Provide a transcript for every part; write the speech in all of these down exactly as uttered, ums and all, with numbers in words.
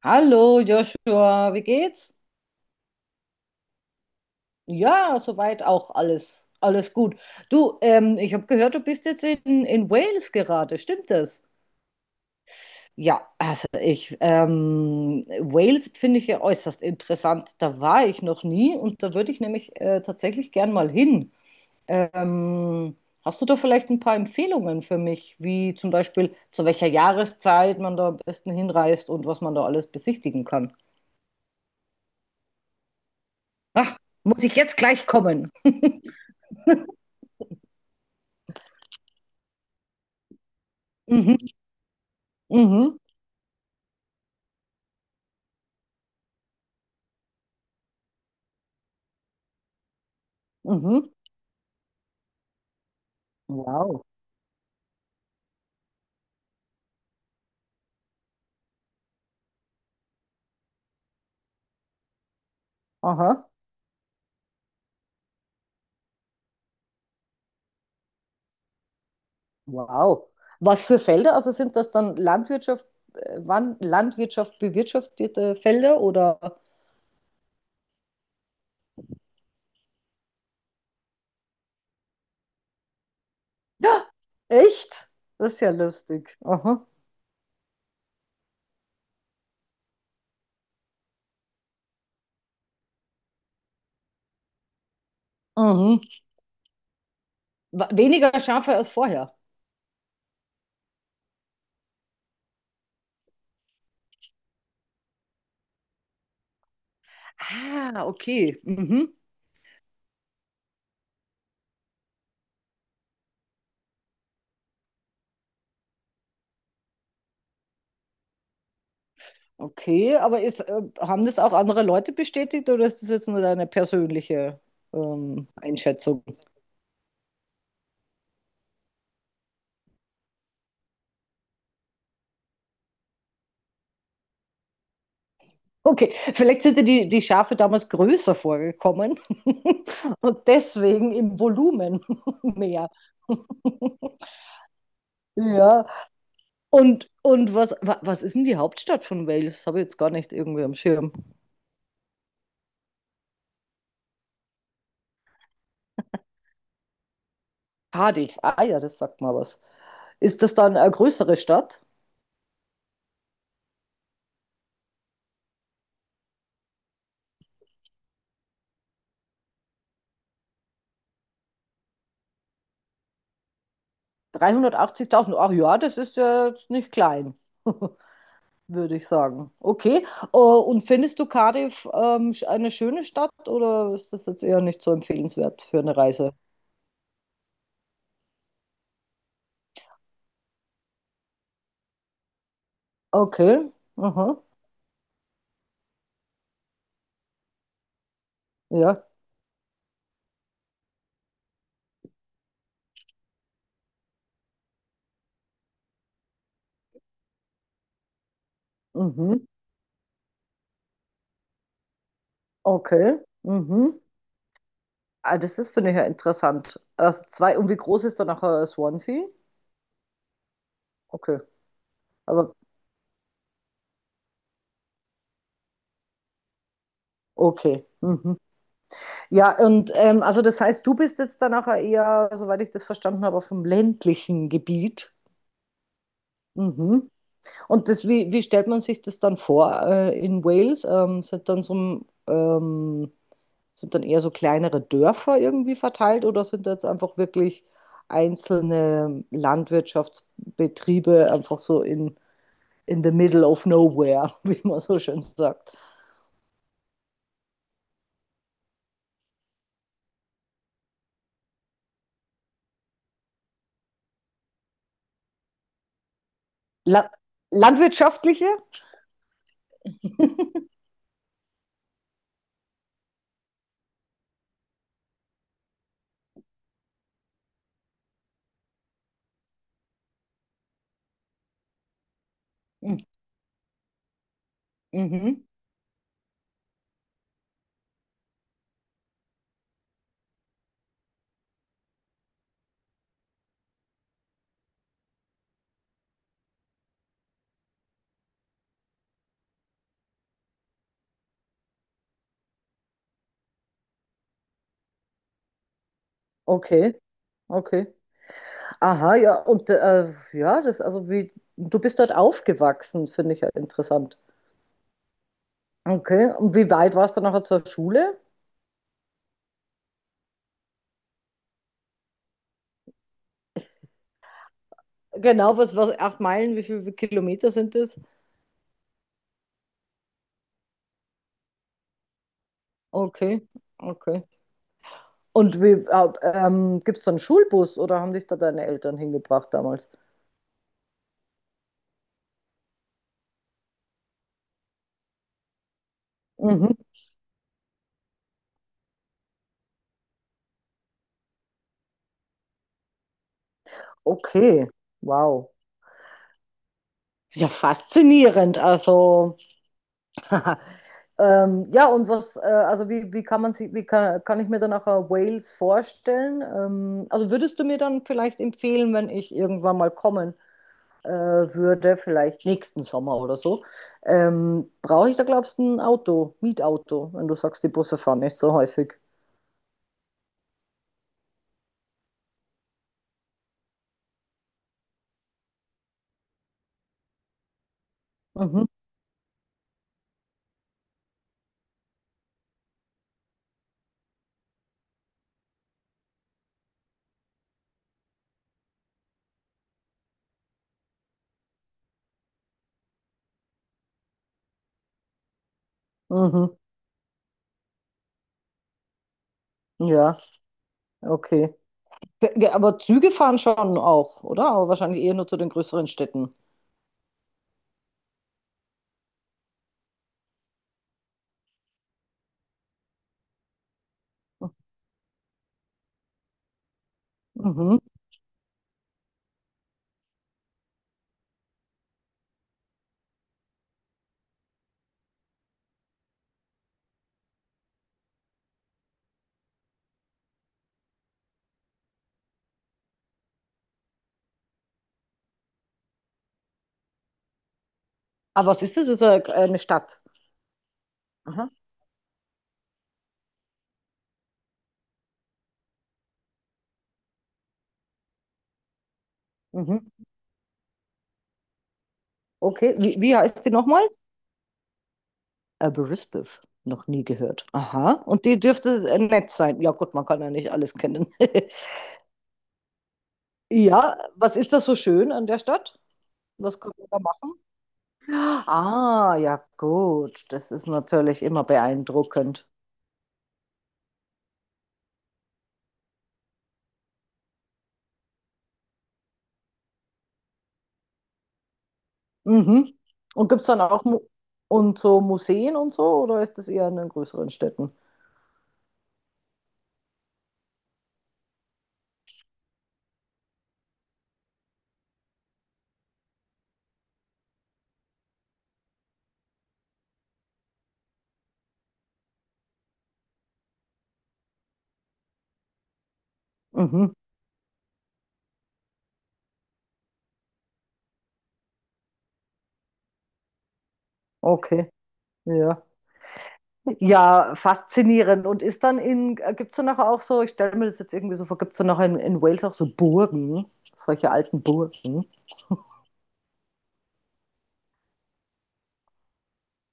Hallo Joshua, wie geht's? Ja, soweit auch, alles, alles gut. Du, ähm, ich habe gehört, du bist jetzt in, in Wales gerade, stimmt das? Ja, also ich, ähm, Wales finde ich ja äußerst interessant. Da war ich noch nie und da würde ich nämlich äh, tatsächlich gern mal hin. Ähm, hast du da vielleicht ein paar Empfehlungen für mich, wie zum Beispiel zu welcher Jahreszeit man da am besten hinreist und was man da alles besichtigen kann? Ach, muss ich jetzt gleich kommen? Mhm. Mhm, mhm. Wow. Aha, wow. Was für Felder? Also sind das dann Landwirtschaft, äh, Wan- Landwirtschaft bewirtschaftete Felder oder? Ja, echt? Das ist ja lustig. Aha. Mhm. Wa- Weniger Schafe als vorher. Ah, okay. Mhm. Okay, aber ist, äh, haben das auch andere Leute bestätigt oder ist das jetzt nur deine persönliche ähm, Einschätzung? Okay, vielleicht sind dir die, die Schafe damals größer vorgekommen und deswegen im Volumen mehr. Ja, und, und was, wa- was ist denn die Hauptstadt von Wales? Habe ich jetzt gar nicht irgendwie am Schirm. Cardiff, ah ja, das sagt mal was. Ist das dann eine größere Stadt? Dreihundertachtzigtausend. Ach ja, das ist ja jetzt nicht klein, würde ich sagen. Okay, oh, und findest du Cardiff, ähm, sch- eine schöne Stadt oder ist das jetzt eher nicht so empfehlenswert für eine Reise? Okay. Aha. Ja. Mhm. Okay. Mhm. Ah, das ist, finde ich, ja interessant. Also zwei, und wie groß ist dann nachher Swansea? Okay. Aber okay. Mhm. Ja, und ähm, also das heißt, du bist jetzt dann nachher eher, soweit ich das verstanden habe, auf dem ländlichen Gebiet. Mhm. Und das, wie, wie stellt man sich das dann vor, äh, in Wales? Ähm, sind dann so ähm, sind dann eher so kleinere Dörfer irgendwie verteilt oder sind jetzt einfach wirklich einzelne Landwirtschaftsbetriebe einfach so in, in the middle of nowhere, wie man so schön sagt? La landwirtschaftliche? Mhm. Mhm. Okay, okay. Aha, ja, und äh, ja, das, also wie, du bist dort aufgewachsen, finde ich ja interessant. Okay, und wie weit warst du nachher zur Schule? Genau, was, was, acht Meilen, wie viele Kilometer sind das? Okay, okay. Und wie, äh, ähm, gibt es da einen Schulbus oder haben dich da deine Eltern hingebracht damals? Mhm. Okay, wow. Ja, faszinierend. Also, ähm, ja, und was, äh, also wie, wie kann man sich, wie kann, kann ich mir dann nachher Wales vorstellen? Ähm, also würdest du mir dann vielleicht empfehlen, wenn ich irgendwann mal kommen äh, würde, vielleicht nächsten Sommer oder so, ähm, brauche ich da, glaubst du, ein Auto, Mietauto, wenn du sagst, die Busse fahren nicht so häufig. Mhm, mhm, ja. Okay. Ge- ge- Aber Züge fahren schon auch, oder? Aber wahrscheinlich eher nur zu den größeren Städten. Mhm. Aber was ist das? Das ist eine, eine Stadt. Aha. Mhm. Okay. Wie, wie heißt die nochmal? Äh, Brisbane. Noch nie gehört. Aha. Und die dürfte äh, nett sein. Ja gut, man kann ja nicht alles kennen. Ja, was ist das so schön an der Stadt? Was kann man da machen? Ah, ja gut. Das ist natürlich immer beeindruckend. Mhm. Und gibt es dann auch Mu und so Museen und so, oder ist das eher in den größeren Städten? Mhm. Okay. Ja. Ja, faszinierend. Und ist dann in, gibt es dann nachher auch so, ich stelle mir das jetzt irgendwie so vor, gibt es dann nachher in, in Wales auch so Burgen, solche alten Burgen?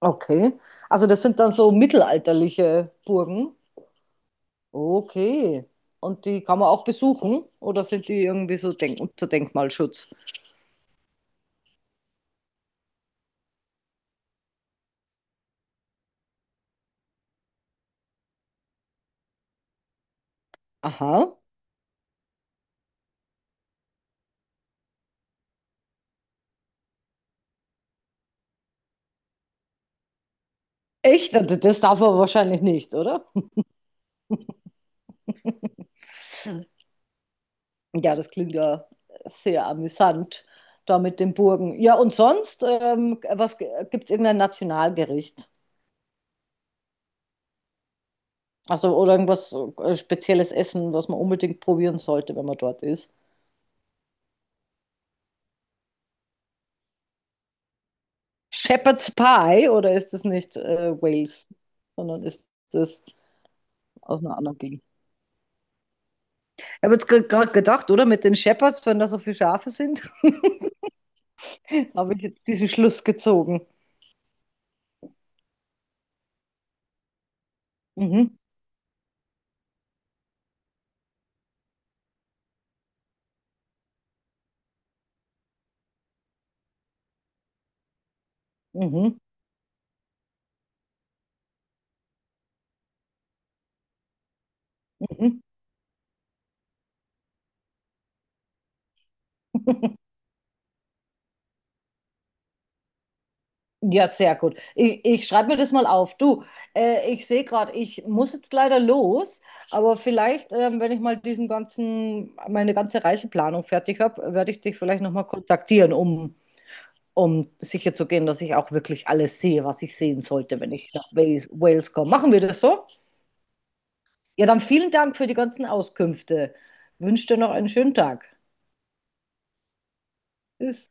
Okay. Also das sind dann so mittelalterliche Burgen. Okay. Und die kann man auch besuchen? Oder sind die irgendwie so denk unter Denkmalschutz? Aha. Echt? Das das darf man wahrscheinlich nicht, oder? Ja, das klingt ja sehr amüsant, da mit den Burgen. Ja, und sonst, ähm, was gibt es irgendein Nationalgericht? Also, oder irgendwas äh, spezielles Essen, was man unbedingt probieren sollte, wenn man dort ist? Shepherd's Pie oder ist das nicht äh, Wales, sondern ist das aus einer anderen Gegend? Ich habe jetzt gerade gedacht, oder mit den Shepherds, wenn da so viele Schafe sind, habe ich jetzt diesen Schluss gezogen. Mhm, mhm, mhm. Ja, sehr gut. Ich, ich schreibe mir das mal auf. Du, äh, ich sehe gerade, ich muss jetzt leider los, aber vielleicht, ähm, wenn ich mal diesen ganzen, meine ganze Reiseplanung fertig habe, werde ich dich vielleicht nochmal kontaktieren, um, um sicher zu gehen, dass ich auch wirklich alles sehe, was ich sehen sollte, wenn ich nach Wales, Wales komme. Machen wir das so? Ja, dann vielen Dank für die ganzen Auskünfte. Wünsche dir noch einen schönen Tag. Tschüss.